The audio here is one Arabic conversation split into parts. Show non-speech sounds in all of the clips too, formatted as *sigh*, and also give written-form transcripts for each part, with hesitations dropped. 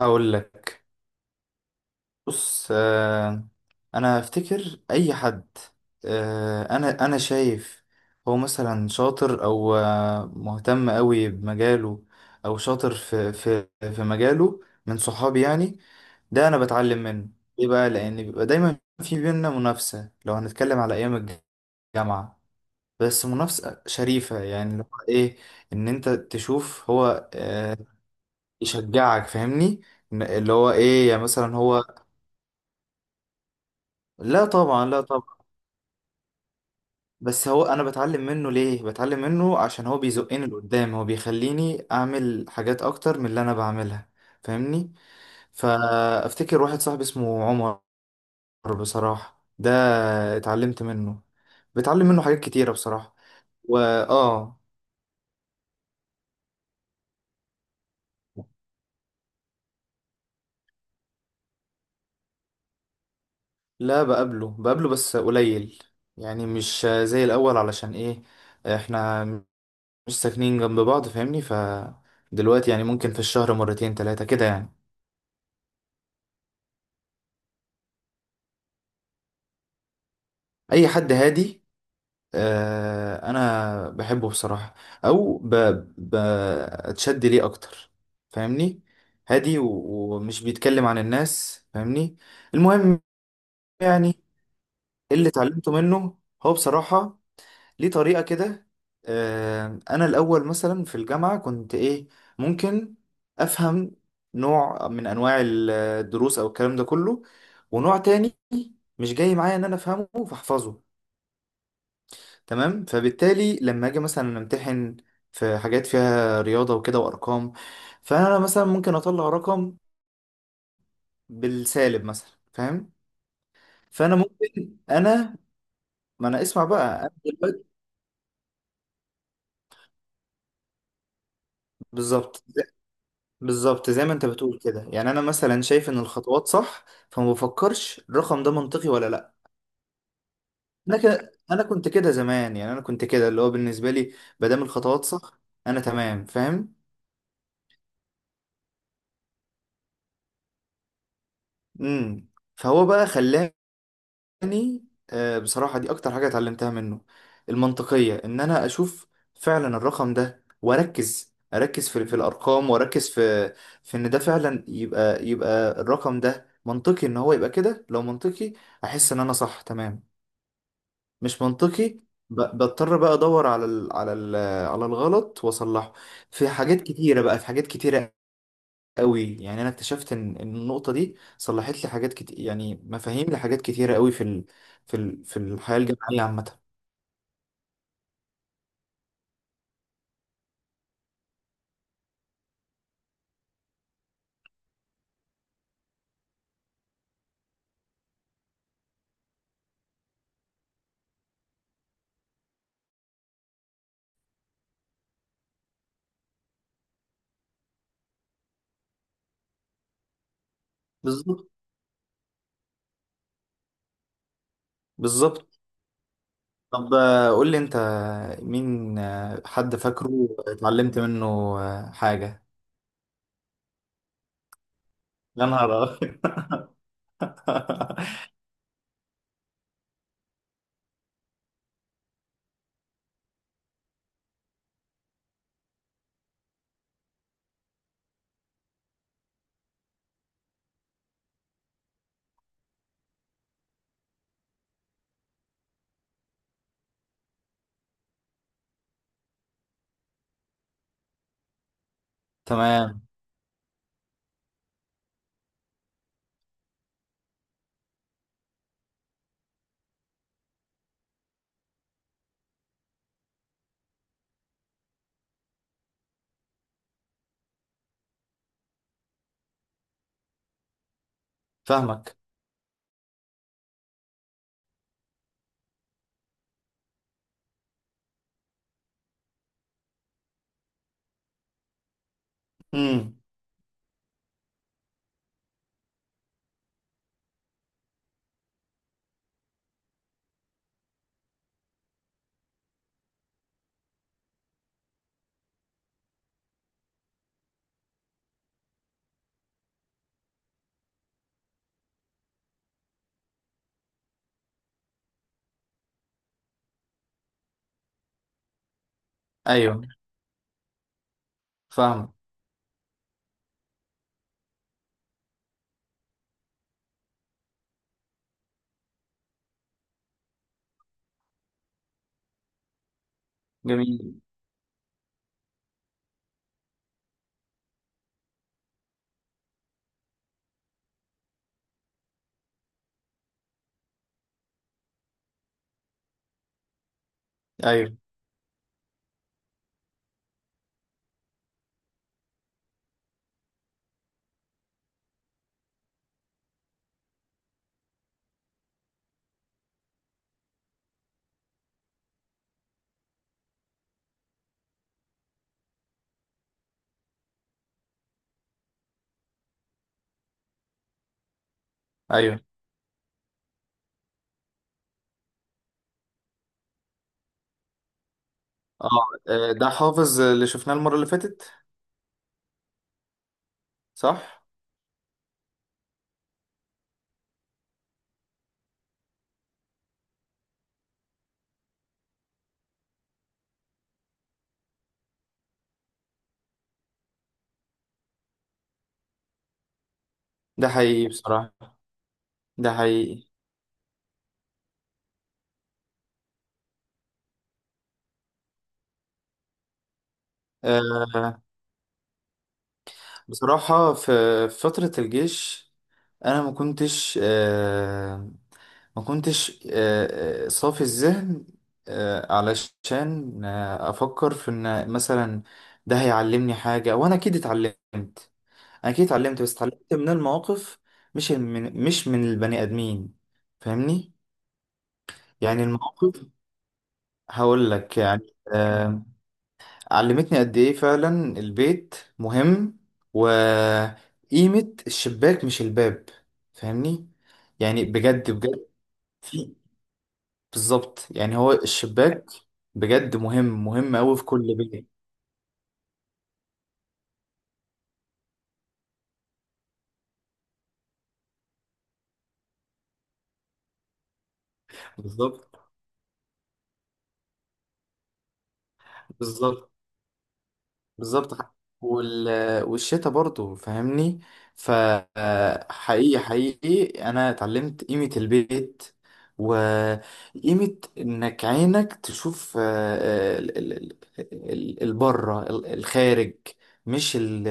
اقول لك. بص، انا افتكر اي حد. انا شايف هو مثلا شاطر، او مهتم قوي بمجاله، او شاطر في مجاله، من صحابي. يعني ده انا بتعلم منه. ليه بقى؟ لان بيبقى دايما في بينا منافسه، لو هنتكلم على ايام الجامعه. بس منافسه شريفه، يعني اللي هو ايه؟ ان انت تشوف هو يشجعك. فاهمني؟ اللي هو ايه، يعني مثلا هو لا طبعا، لا طبعا. بس هو انا بتعلم منه. ليه بتعلم منه؟ عشان هو بيزقني لقدام، هو بيخليني اعمل حاجات اكتر من اللي انا بعملها. فاهمني؟ فافتكر واحد صاحبي اسمه عمر. بصراحة ده اتعلمت منه، بتعلم منه حاجات كتيرة بصراحة. وآه لا، بقابله بقابله بس قليل. يعني مش زي الأول، علشان إيه؟ إحنا مش ساكنين جنب بعض. فاهمني؟ فدلوقتي يعني ممكن في الشهر مرتين تلاتة كده يعني. أي حد هادي، انا بحبه بصراحة، او ب... بتشد ليه اكتر. فاهمني؟ هادي، ومش بيتكلم عن الناس. فاهمني؟ المهم، يعني اللي اتعلمته منه هو بصراحة، ليه طريقة كده. انا الاول مثلا في الجامعة كنت ايه، ممكن افهم نوع من انواع الدروس او الكلام ده كله، ونوع تاني مش جاي معايا ان انا افهمه فاحفظه. تمام. فبالتالي لما اجي مثلا امتحن في حاجات فيها رياضة وكده وارقام، فانا مثلا ممكن اطلع رقم بالسالب مثلا، فاهم؟ فانا ممكن ما انا اسمع بقى انا دلوقتي. بالظبط، بالظبط زي ما انت بتقول كده. يعني انا مثلا شايف ان الخطوات صح، فما بفكرش الرقم ده منطقي ولا لا. انا كنت كده زمان، يعني انا كنت كده اللي هو بالنسبة لي، ما دام الخطوات صح انا تمام فاهم. امم فهو بقى خلاني، يعني بصراحة دي أكتر حاجة اتعلمتها منه: المنطقية. إن أنا أشوف فعلا الرقم ده، وأركز، أركز في الأرقام، وأركز في إن ده فعلا يبقى، يبقى الرقم ده منطقي. إن هو يبقى كده، لو منطقي أحس إن أنا صح تمام، مش منطقي بضطر بقى أدور على ال على ال على الغلط وأصلحه. في حاجات كتيرة بقى، في حاجات كتيرة قوي، يعني انا اكتشفت ان النقطه دي صلحت لي حاجات كتير، يعني مفاهيم لحاجات كتيره قوي في الحياه الجامعيه عامه. بالظبط، بالظبط. طب قول لي انت، مين حد فاكره اتعلمت منه حاجه؟ يا نهار أبيض! *laughs* تمام، فاهمك. امم. ايوه، فاهمك. جميل. ايوه، ايوه، اه. ده حافظ اللي شفناه المره اللي فاتت؟ صح. ده حقيقي بصراحه، ده حقيقي. آه بصراحة، في فترة الجيش أنا ما كنتش صافي الذهن، علشان أفكر في إن مثلا ده هيعلمني حاجة. وأنا أكيد اتعلمت، بس اتعلمت من المواقف، مش من البني آدمين. فاهمني؟ يعني المواقف، هقول لك، يعني علمتني قد ايه فعلا البيت مهم، وقيمة الشباك مش الباب. فاهمني؟ يعني بجد بجد. في بالظبط، يعني هو الشباك بجد مهم، مهم قوي في كل بيت. بالظبط، بالظبط، بالظبط وال... والشتا برضو. فاهمني؟ فحقيقي، حقيقي، حقيقي انا اتعلمت قيمة البيت، وقيمة انك عينك تشوف البره، الخارج، مش ال...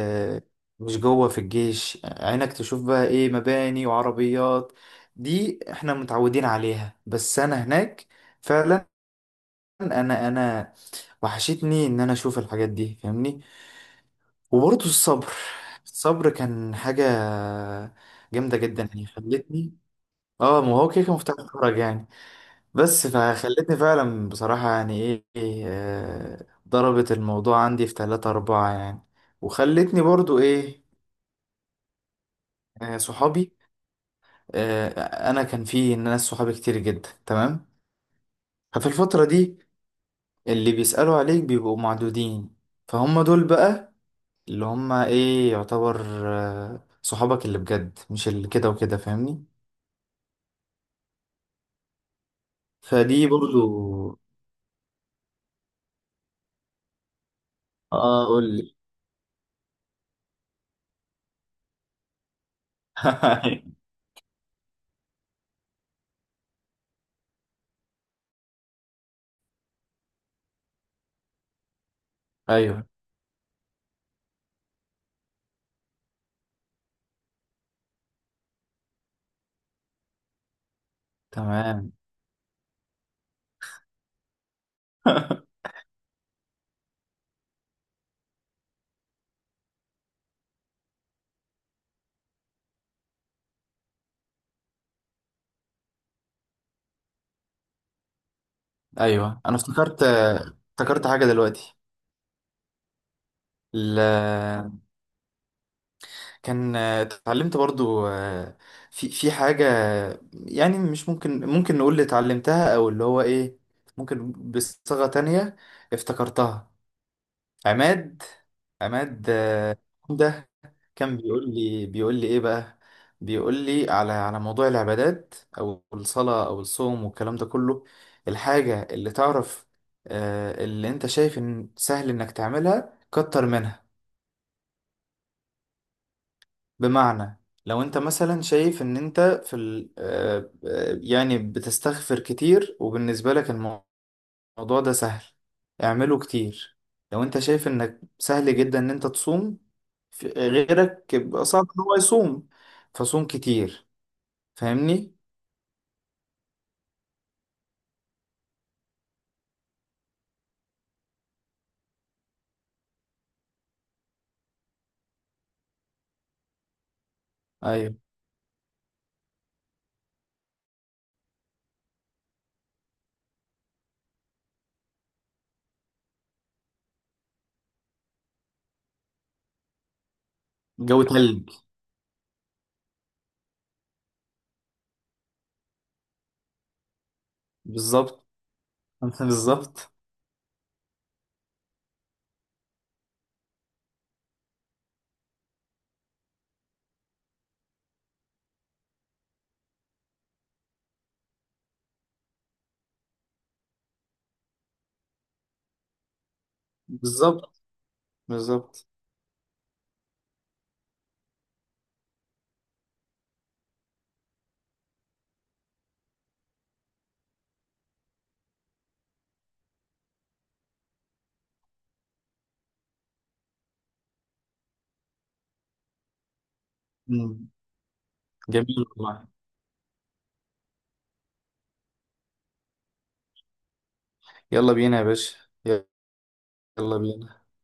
مش جوه. في الجيش عينك تشوف بقى ايه؟ مباني وعربيات، دي احنا متعودين عليها، بس انا هناك فعلا، انا وحشتني ان انا اشوف الحاجات دي. فاهمني؟ وبرضه الصبر. الصبر كان حاجة جامدة جدا، يعني خلتني... اه، ما هو كده كان مفتاح الفرج يعني. بس فخلتني فعلا بصراحة يعني ايه إيه، آه، ضربت الموضوع عندي في تلاتة أربعة يعني، وخلتني برضو ايه، صحابي. آه، انا كان في ناس صحابي كتير جدا، تمام. ففي الفترة دي اللي بيسألوا عليك بيبقوا معدودين، فهم دول بقى اللي هم ايه، يعتبر صحابك اللي بجد، مش اللي كده وكده. فاهمني؟ فدي برضو... اه، قول لي. *laughs* ايوه، تمام. ايوه، انا افتكرت، افتكرت حاجه دلوقتي. ال... كان اتعلمت برضو في حاجه، يعني مش ممكن، نقول اللي اتعلمتها او اللي هو ايه، ممكن بصيغه تانية، افتكرتها. عماد، عماد عمده، كان بيقول لي ايه بقى، بيقول لي على موضوع العبادات او الصلاة او الصوم والكلام ده كله: الحاجة اللي تعرف اللي انت شايف ان سهل انك تعملها، كتر منها. بمعنى، لو انت مثلا شايف ان انت في ال آه، آه، يعني بتستغفر كتير، وبالنسبة لك الموضوع ده سهل، اعمله كتير. لو انت شايف انك سهل جدا ان انت تصوم، غيرك بيبقى صعب ان هو يصوم، فصوم كتير. فاهمني؟ ايوه. جو تلج. بالظبط. *laughs* بالظبط، بالظبط، بالظبط. مم. جميل والله. يلا بينا يا باشا. يلا بينا.